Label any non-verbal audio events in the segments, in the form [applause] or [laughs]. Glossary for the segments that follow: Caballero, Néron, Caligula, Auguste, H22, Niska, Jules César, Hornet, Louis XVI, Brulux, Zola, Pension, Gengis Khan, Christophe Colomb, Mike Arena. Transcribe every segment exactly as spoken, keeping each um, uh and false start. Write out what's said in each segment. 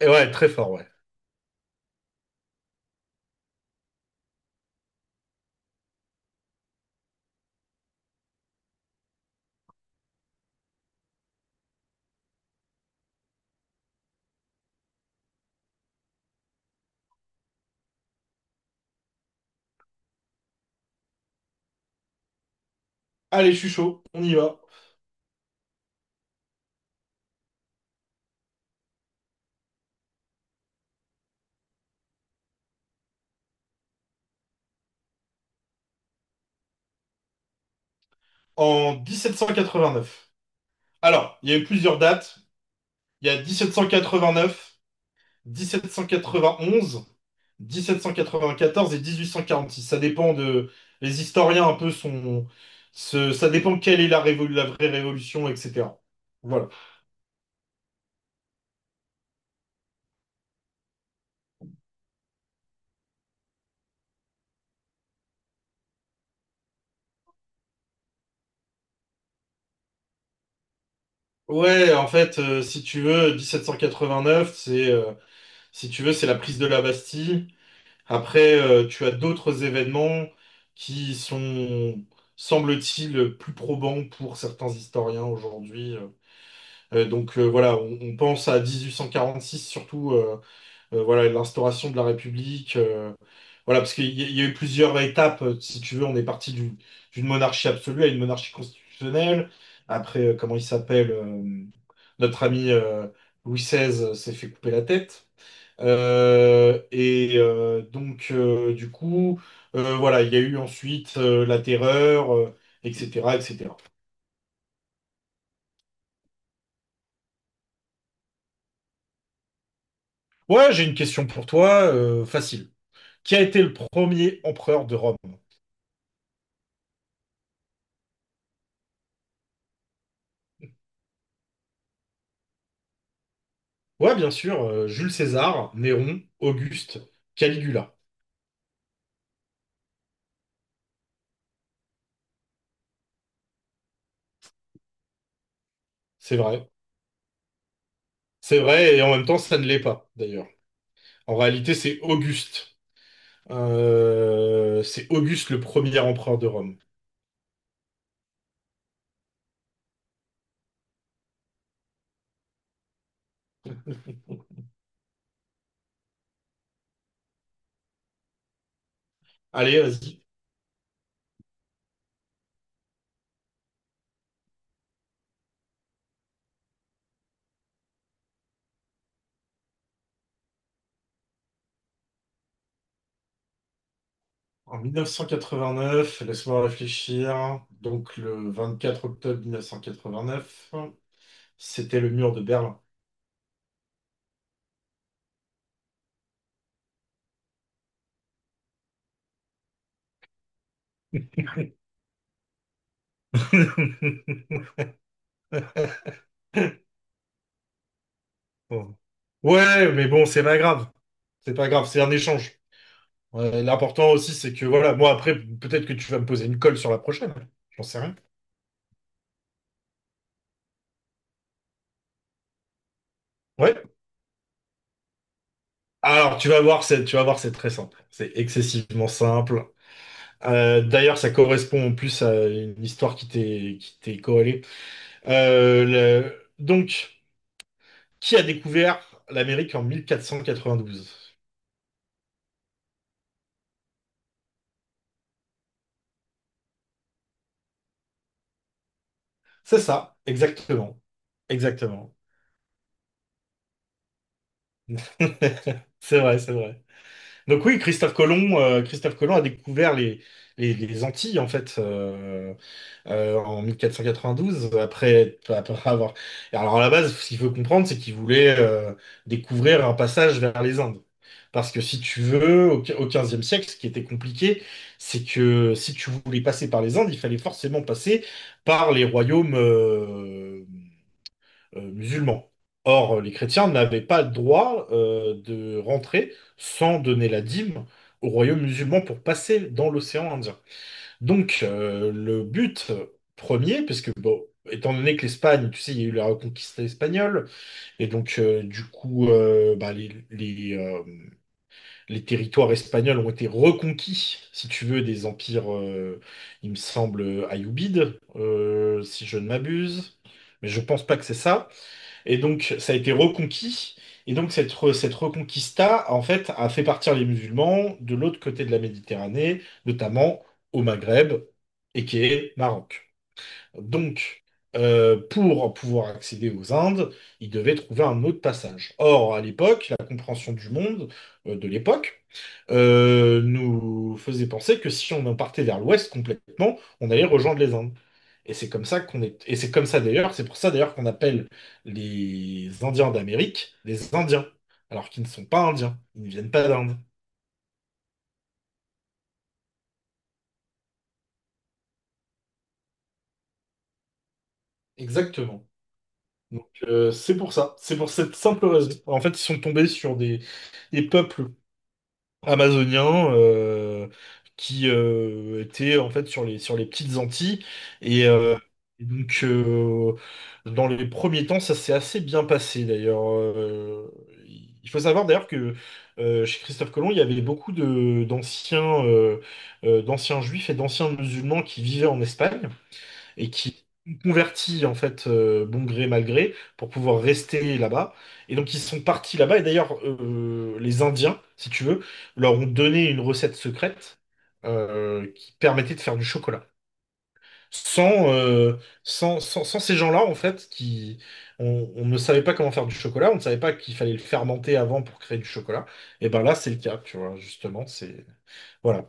Et ouais, très fort, ouais. Allez, je suis chaud, on y va. En mille sept cent quatre-vingt-neuf. Alors, il y a eu plusieurs dates. Il y a mille sept cent quatre-vingt-neuf, dix-sept cent quatre-vingt-onze, dix-sept cent quatre-vingt-quatorze et dix-huit cent quarante-six. Ça dépend de... Les historiens un peu sont... ce- Ça dépend quelle est la, révo- la vraie révolution, et cetera. Voilà. Ouais, en fait, euh, si tu veux, dix-sept cent quatre-vingt-neuf, c'est, euh, si tu veux, c'est la prise de la Bastille. Après, euh, tu as d'autres événements qui sont, semble-t-il, plus probants pour certains historiens aujourd'hui. Euh, Euh, donc euh, voilà, on, on pense à mille huit cent quarante-six, surtout euh, euh, voilà, l'instauration de la République. euh, voilà, parce qu'il y, a il y a eu plusieurs étapes, euh, si tu veux. On est parti du- d'une monarchie absolue à une monarchie constitutionnelle. Après, euh, comment il s'appelle, euh, notre ami, euh, Louis seize, s'est fait couper la tête. Euh, et euh, donc, euh, du coup, euh, voilà, il y a eu ensuite, euh, la terreur, euh, et cetera, et cetera. Ouais, j'ai une question pour toi, euh, facile. Qui a été le premier empereur de Rome? Ouais, bien sûr, euh, Jules César, Néron, Auguste, Caligula. C'est vrai. C'est vrai, et en même temps, ça ne l'est pas, d'ailleurs. En réalité, c'est Auguste. Euh, c'est Auguste le premier empereur de Rome. Allez, vas-y. En mille neuf cent quatre-vingt-neuf, laisse-moi réfléchir. Donc, le vingt-quatre octobre mille neuf cent quatre-vingt-neuf, c'était le mur de Berlin. [laughs] Bon. Ouais, mais bon, c'est pas grave. C'est pas grave, c'est un échange. Ouais, l'important aussi, c'est que voilà, moi après, peut-être que tu vas me poser une colle sur la prochaine. J'en sais rien. Ouais. Alors, tu vas voir, c'est, tu vas voir, c'est très simple. C'est excessivement simple. Euh, d'ailleurs, ça correspond en plus à une histoire qui t'est, qui t'est corrélée. Euh, le- Donc, qui a découvert l'Amérique en mille quatre quatre-vingt cent douze? C'est ça, exactement. Exactement. [laughs] C'est vrai, c'est vrai. Donc oui, Christophe Colomb, euh, Christophe Colomb a découvert les, les, les Antilles, en fait. euh, euh, en mille quatre cent quatre-vingt-douze, après, après avoir... Et Alors à la base, ce qu'il faut comprendre, c'est qu'ils voulaient, euh, découvrir un passage vers les Indes. Parce que si tu veux, au au quinzième siècle, ce qui était compliqué, c'est que si tu voulais passer par les Indes, il fallait forcément passer par les royaumes, euh, euh, musulmans. Or, les chrétiens n'avaient pas le droit, euh, de rentrer sans donner la dîme aux royaumes musulmans pour passer dans l'océan Indien. Donc, euh, le but premier, puisque, bon, étant donné que l'Espagne, tu sais, il y a eu la reconquista espagnole, et donc, euh, du coup, euh, bah, les, les, euh, les territoires espagnols ont été reconquis, si tu veux, des empires, euh, il me semble, ayoubides, euh, si je ne m'abuse, mais je pense pas que c'est ça. Et donc, ça a été reconquis. Et donc, cette, re- cette reconquista, en fait, a fait partir les musulmans de l'autre côté de la Méditerranée, notamment au Maghreb, et qui est Maroc. Donc, euh, pour pouvoir accéder aux Indes, il devait trouver un autre passage. Or, à l'époque, la compréhension du monde, euh, de l'époque, euh, nous faisait penser que si on en partait vers l'ouest complètement, on allait rejoindre les Indes. Et c'est comme ça qu'on est. Et c'est comme ça d'ailleurs, c'est pour ça d'ailleurs qu'on appelle les Indiens d'Amérique des Indiens, alors qu'ils ne sont pas Indiens, ils ne viennent pas d'Inde. Exactement. Donc, euh, c'est pour ça, c'est pour cette simple raison. En fait, ils sont tombés sur des, des peuples amazonien, euh, qui, euh, était en fait sur les, sur les petites Antilles. Et, euh, et donc, euh, dans les premiers temps, ça s'est assez bien passé d'ailleurs. Euh, il faut savoir d'ailleurs que, euh, chez Christophe Colomb, il y avait beaucoup de, d'anciens, euh, euh, d'anciens juifs et d'anciens musulmans qui vivaient en Espagne et qui ont converti en fait, euh, bon gré mal gré pour pouvoir rester là-bas. Et donc ils sont partis là-bas. Et d'ailleurs, euh, les Indiens, si tu veux, leur ont donné une recette secrète, euh, qui permettait de faire du chocolat. Sans, euh, sans, sans, sans ces gens-là, en fait, qui, on, on ne savait pas comment faire du chocolat, on ne savait pas qu'il fallait le fermenter avant pour créer du chocolat. Et ben là, c'est le cas, tu vois, justement, c'est... Voilà.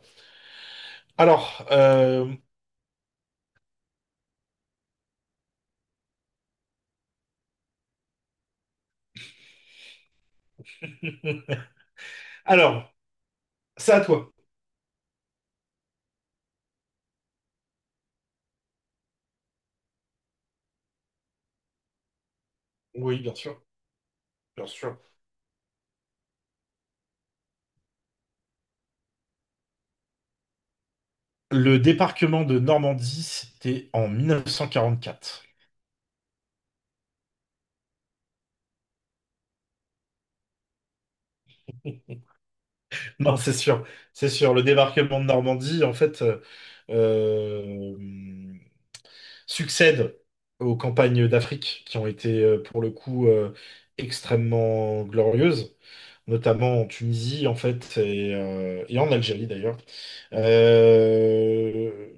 Alors, euh, [laughs] alors, c'est à toi. Oui, bien sûr, bien sûr. Le débarquement de Normandie, c'était en mille neuf cent quarante-quatre. [laughs] Non, c'est sûr, c'est sûr. Le débarquement de Normandie, en fait, euh, euh, succède aux campagnes d'Afrique qui ont été, euh, pour le coup, euh, extrêmement glorieuses, notamment en Tunisie, en fait, et, euh, et en Algérie, d'ailleurs. Euh,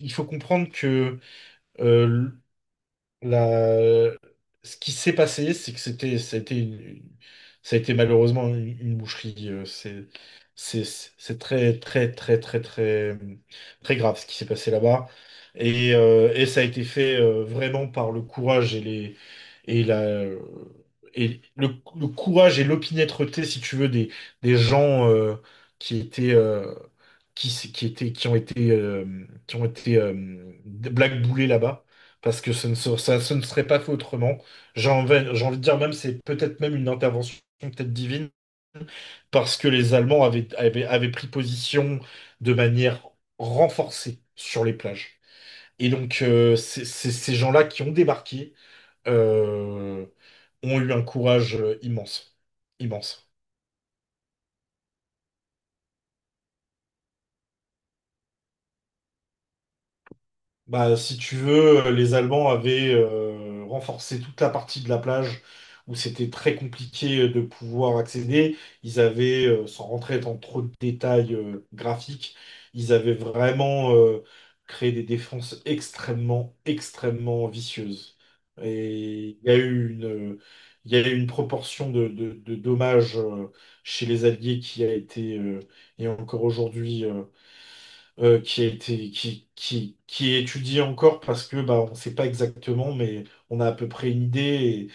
il faut comprendre que, euh, La- ce qui s'est passé, c'est que c'était, ça a été, une- ça a été malheureusement une, une boucherie. euh, C'est, c'est, c'est très, très, très, très, très, très grave ce qui s'est passé là-bas. Et, euh, et ça a été fait, euh, vraiment par le courage et les, et la, et le, le courage et l'opiniâtreté, si tu veux, des, des gens, euh, qui étaient, euh, qui, s- qui étaient, qui ont été, euh, qui ont été euh, blackboulés là-bas, parce que ce ne, se- ça, ce ne serait pas fait autrement. J'ai envie, j'ai envie de dire même, c'est peut-être même une intervention peut-être divine, parce que les Allemands avaient, avaient, avaient pris position de manière renforcée sur les plages. Et donc, euh, c'est- c'est- ces gens-là qui ont débarqué, euh, ont eu un courage, euh, immense. Immense. Bah, si tu veux, euh, les Allemands avaient, euh, renforcé toute la partie de la plage où c'était très compliqué, euh, de pouvoir accéder. Ils avaient, euh, sans rentrer dans trop de détails, euh, graphiques, ils avaient vraiment, euh, créé des défenses extrêmement, extrêmement vicieuses. Et il y a eu une, il y a eu une proportion de, de- de dommages, euh, chez les Alliés qui a été, euh, et encore aujourd'hui, euh, euh, qui a été, qui, qui, qui est étudié encore parce que bah, on ne sait pas exactement, mais on a à peu près une idée,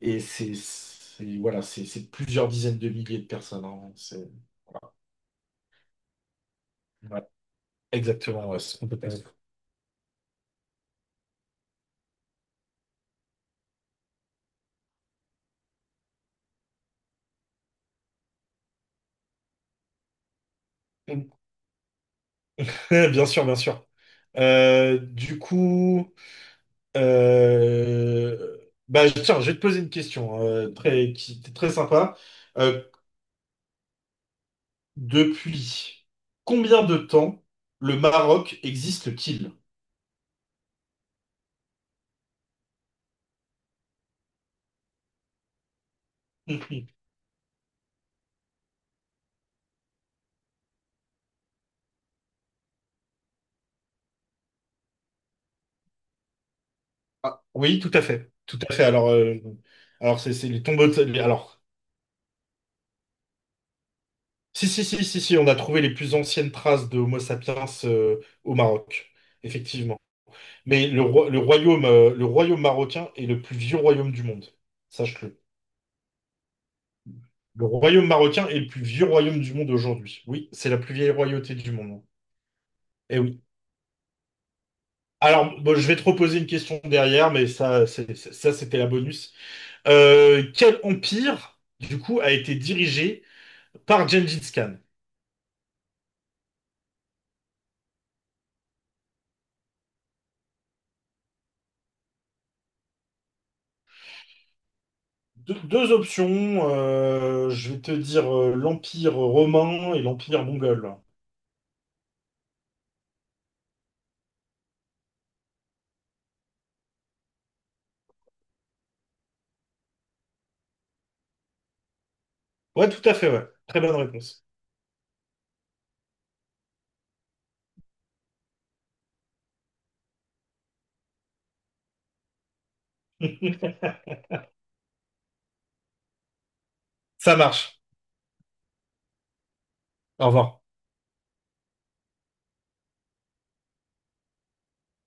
et, et c'est, c'est- voilà, c'est c'est plusieurs dizaines de milliers de personnes, hein. C'est- voilà. Ouais, exactement, ouais, c'est complètement- [laughs] Bien sûr, bien sûr. Euh, du coup, euh, bah, tiens, je vais te poser une question, euh, très, qui est très sympa. Euh, depuis combien de temps le Maroc existe-t-il? [laughs] Ah, oui, tout à fait. Tout à fait. Alors, euh, alors c'est c'est les tombeaux de... les- Alors, si, si, si, si, si, on a trouvé les plus anciennes traces de Homo sapiens, euh, au Maroc, effectivement. Mais le, roi- le royaume, euh, le royaume marocain est le plus vieux royaume du monde. Sache-le. Le royaume marocain est le plus vieux royaume du monde aujourd'hui. Oui, c'est la plus vieille royauté du monde. Eh oui. Alors, bon, je vais te reposer une question derrière, mais ça, c'est- c'est- ça, c'était la bonus. Euh, quel empire, du coup, a été dirigé par Gengis Khan? Deux, deux options, euh, je vais te dire, euh, l'Empire romain et l'Empire mongol. Ouais, tout à fait, ouais. Très bonne réponse. [laughs] Ça marche. Au revoir.